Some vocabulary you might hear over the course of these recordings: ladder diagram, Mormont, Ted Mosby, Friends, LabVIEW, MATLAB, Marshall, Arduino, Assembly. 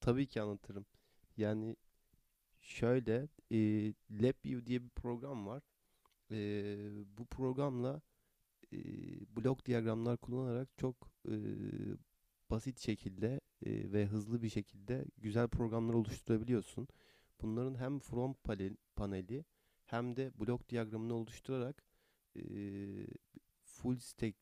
Tabii ki anlatırım. Yani Şöyle, LabVIEW diye bir program var. Eee, Bu programla blok diyagramlar kullanarak çok eee, basit şekilde ve hızlı bir şekilde güzel programlar oluşturabiliyorsun. Bunların hem front panel, paneli hem de blok diyagramını oluşturarak eee, full stack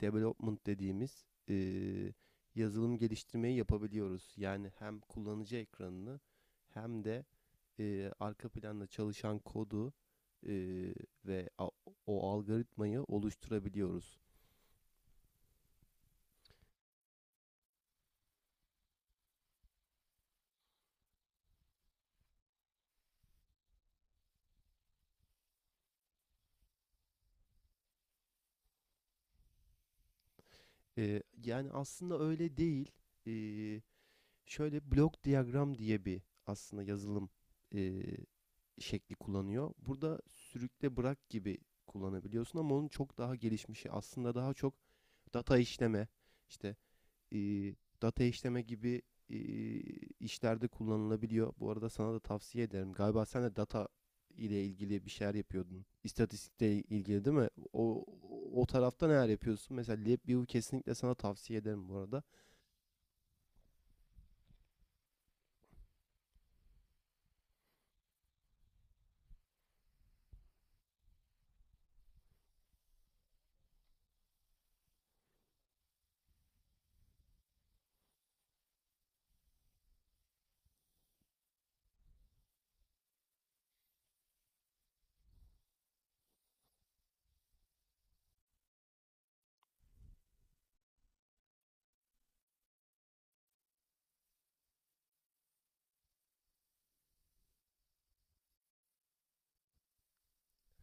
development dediğimiz yazılım geliştirmeyi yapabiliyoruz. Yani hem kullanıcı ekranını hem de arka planda çalışan kodu eee, ve a- o algoritmayı oluşturabiliyoruz. Yani aslında öyle değil. Eee, Şöyle, blok diyagram diye bir aslında yazılım eee, şekli kullanıyor. Burada sürükle bırak gibi kullanabiliyorsun ama onun çok daha gelişmişi aslında daha çok data işleme işte e, data işleme gibi e, işlerde kullanılabiliyor. Bu arada sana da tavsiye ederim. Galiba sen de data ile ilgili bir şeyler yapıyordun. İstatistikle ilgili değil mi? O, o tarafta neler yapıyorsun? Mesela LabVIEW kesinlikle sana tavsiye ederim bu arada.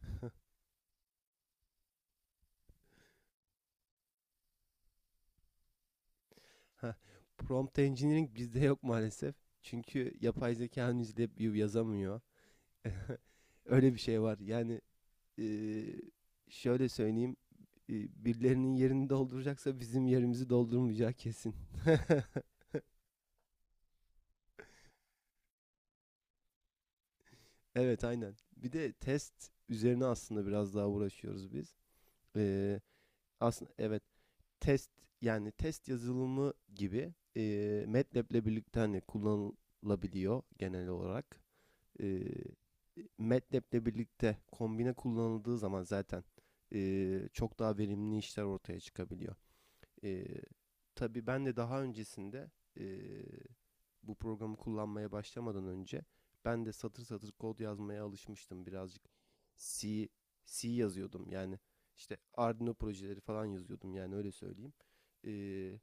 Prompt Engineering bizde yok maalesef. Çünkü yapay zeka henüz LabVIEW yazamıyor. Öyle bir şey var. Eee, şöyle söyleyeyim, birilerinin yerini dolduracaksa bizim yerimizi doldurmayacağı kesin. Evet, aynen. Bir de test üzerine aslında biraz daha uğraşıyoruz biz. Eee, Aslında evet, test yani test yazılımı gibi MATLAB'le birlikte hani kullanılabiliyor genel olarak. Eee MATLAB'le birlikte kombine kullanıldığı zaman zaten çok daha verimli işler ortaya çıkabiliyor. Ee, tabii ben de daha öncesinde ee, bu programı kullanmaya başlamadan önce ben de satır satır kod yazmaya alışmıştım birazcık. C, C yazıyordum yani işte Arduino projeleri falan yazıyordum yani öyle söyleyeyim. Ee,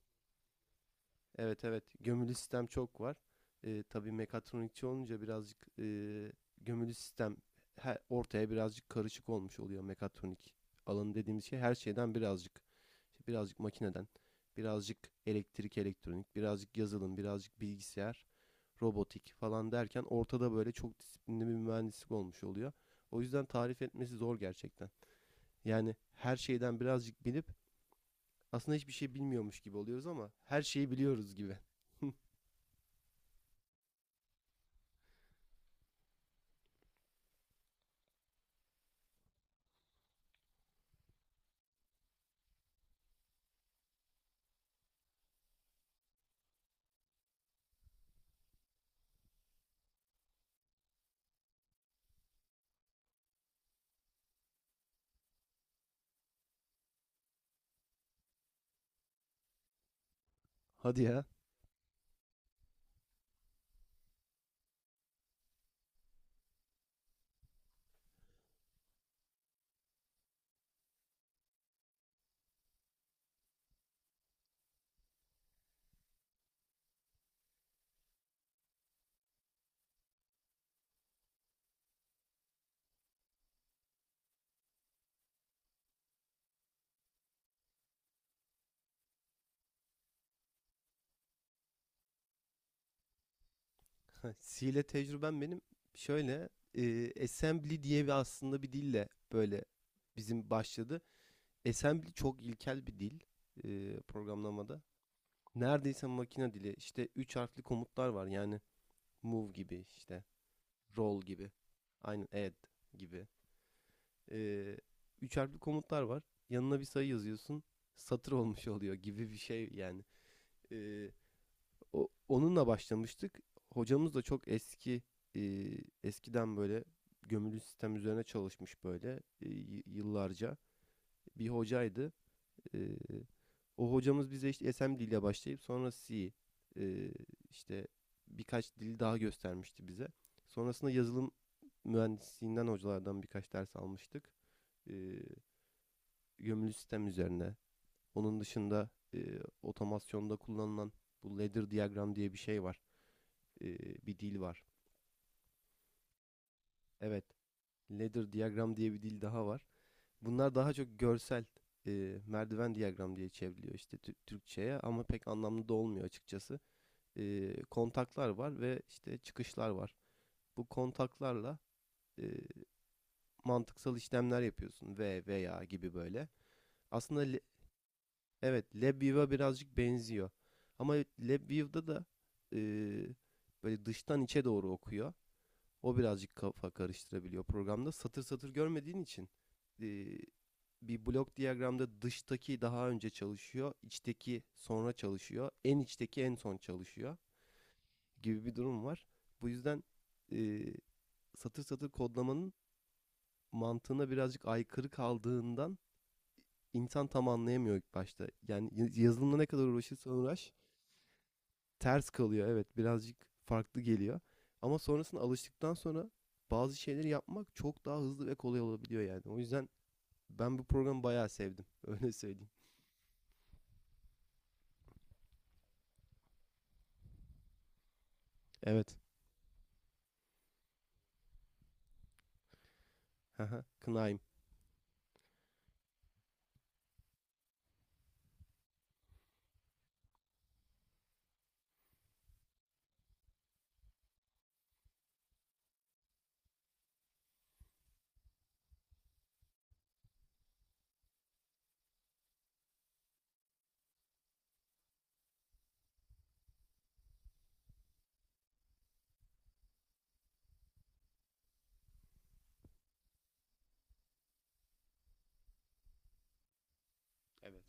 Evet, evet. Gömülü sistem çok var. Tabii mekatronikçi olunca birazcık gömülü sistem her, ortaya birazcık karışık olmuş oluyor. Mekatronik alanı dediğimiz şey her şeyden birazcık. İşte birazcık makineden, birazcık elektrik elektronik, birazcık yazılım, birazcık bilgisayar, robotik falan derken ortada böyle çok disiplinli bir mühendislik olmuş oluyor. O yüzden tarif etmesi zor gerçekten. Yani her şeyden birazcık bilip aslında hiçbir şey bilmiyormuş gibi oluyoruz ama her şeyi biliyoruz gibi. Hadi ya. C ile tecrübem benim şöyle assembly diye bir aslında bir dille böyle bizim başladı. Assembly çok ilkel bir dil programlamada. Neredeyse makine dili. İşte üç harfli komutlar var. Yani move gibi, işte roll gibi. Aynen add gibi. E, Üç harfli komutlar var. Yanına bir sayı yazıyorsun. Satır olmuş oluyor gibi bir şey yani. E, O, onunla başlamıştık. Hocamız da çok eski, e, eskiden böyle gömülü sistem üzerine çalışmış böyle yıllarca bir hocaydı. E, O hocamız bize işte assembly ile başlayıp sonra C, e, işte birkaç dil daha göstermişti bize. Sonrasında yazılım mühendisliğinden hocalardan birkaç ders almıştık. E, Gömülü sistem üzerine. Onun dışında otomasyonda kullanılan bu ladder diagram diye bir şey var, e, bir dil var. Evet, ladder diagram diye bir dil daha var. Bunlar daha çok görsel, merdiven diagram diye çevriliyor işte Türkçe'ye, ama pek anlamlı da olmuyor açıkçası. Kontaklar var ve işte çıkışlar var. Bu kontaklarla e, mantıksal işlemler yapıyorsun, ve veya gibi böyle. Aslında le- evet, LabVIEW'a birazcık benziyor. Ama LabVIEW'da da e, böyle dıştan içe doğru okuyor. O birazcık kafa karıştırabiliyor programda. Satır satır görmediğin için eee, bir blok diyagramda dıştaki daha önce çalışıyor, içteki sonra çalışıyor, en içteki en son çalışıyor gibi bir durum var. Bu yüzden eee, satır satır kodlamanın mantığına birazcık aykırı kaldığından insan tam anlayamıyor ilk başta. Yani yazılımla ne kadar uğraşırsan uğraş ters kalıyor, evet, birazcık farklı geliyor. Ama sonrasında alıştıktan sonra bazı şeyleri yapmak çok daha hızlı ve kolay olabiliyor yani. O yüzden ben bu programı bayağı sevdim, öyle söyleyeyim. Evet. Haha, Kınayım. Evet.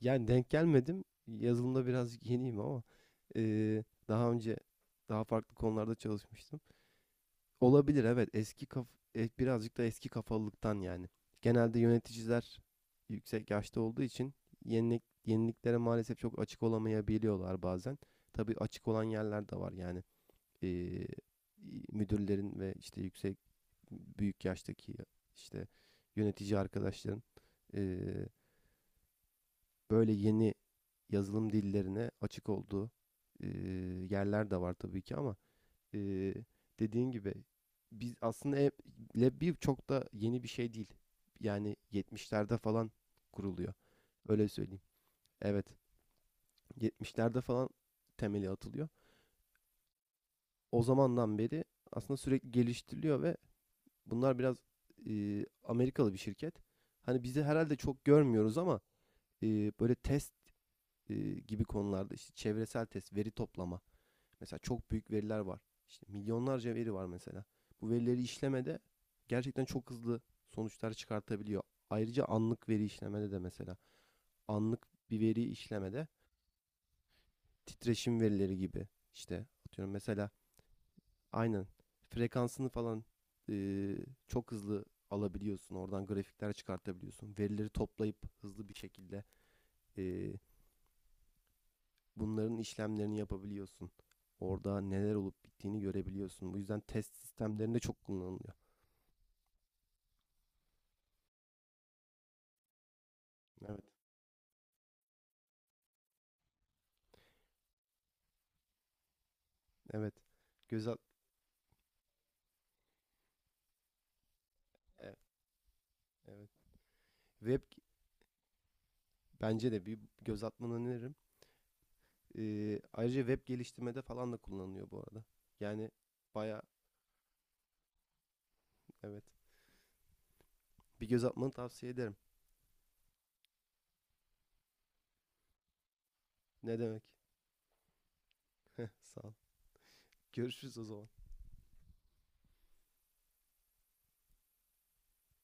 Yani denk gelmedim. Yazılımda birazcık yeniyim, ama daha önce daha farklı konularda çalışmıştım. Olabilir, evet. Birazcık da eski kafalılıktan yani. Genelde yöneticiler yüksek yaşta olduğu için yenilik yeniliklere maalesef çok açık olamayabiliyorlar bazen. Tabii açık olan yerler de var yani. Ee, Müdürlerin ve işte yüksek büyük yaştaki işte yönetici arkadaşların ee, böyle yeni yazılım dillerine açık olduğu ee, yerler de var tabii ki, ama ee, dediğin gibi biz aslında e- Lab çok da yeni bir şey değil. Yani yetmişlerde falan kuruluyor. Öyle söyleyeyim. Evet. Yetmişlerde falan temeli atılıyor. O zamandan beri aslında sürekli geliştiriliyor, ve bunlar biraz Amerikalı bir şirket. Hani bizi herhalde çok görmüyoruz ama böyle test gibi konularda işte çevresel test, veri toplama. Mesela çok büyük veriler var. İşte milyonlarca veri var mesela. Bu verileri işlemede gerçekten çok hızlı sonuçlar çıkartabiliyor. Ayrıca anlık veri işlemede de mesela anlık bir veri işlemede titreşim verileri gibi işte atıyorum mesela, aynen, frekansını falan e, çok hızlı alabiliyorsun. Oradan grafikler çıkartabiliyorsun. Verileri toplayıp hızlı bir şekilde e, bunların işlemlerini yapabiliyorsun. Orada neler olup bittiğini görebiliyorsun. Bu yüzden test sistemlerinde çok kullanılıyor. Evet, evet. Göz at, evet, evet. Web, bence de bir göz atmanı öneririm. Ayrıca web geliştirmede falan da kullanılıyor bu arada. Yani baya, evet. Bir göz atmanı tavsiye ederim. Ne demek? Sağ ol. Görüşürüz o zaman.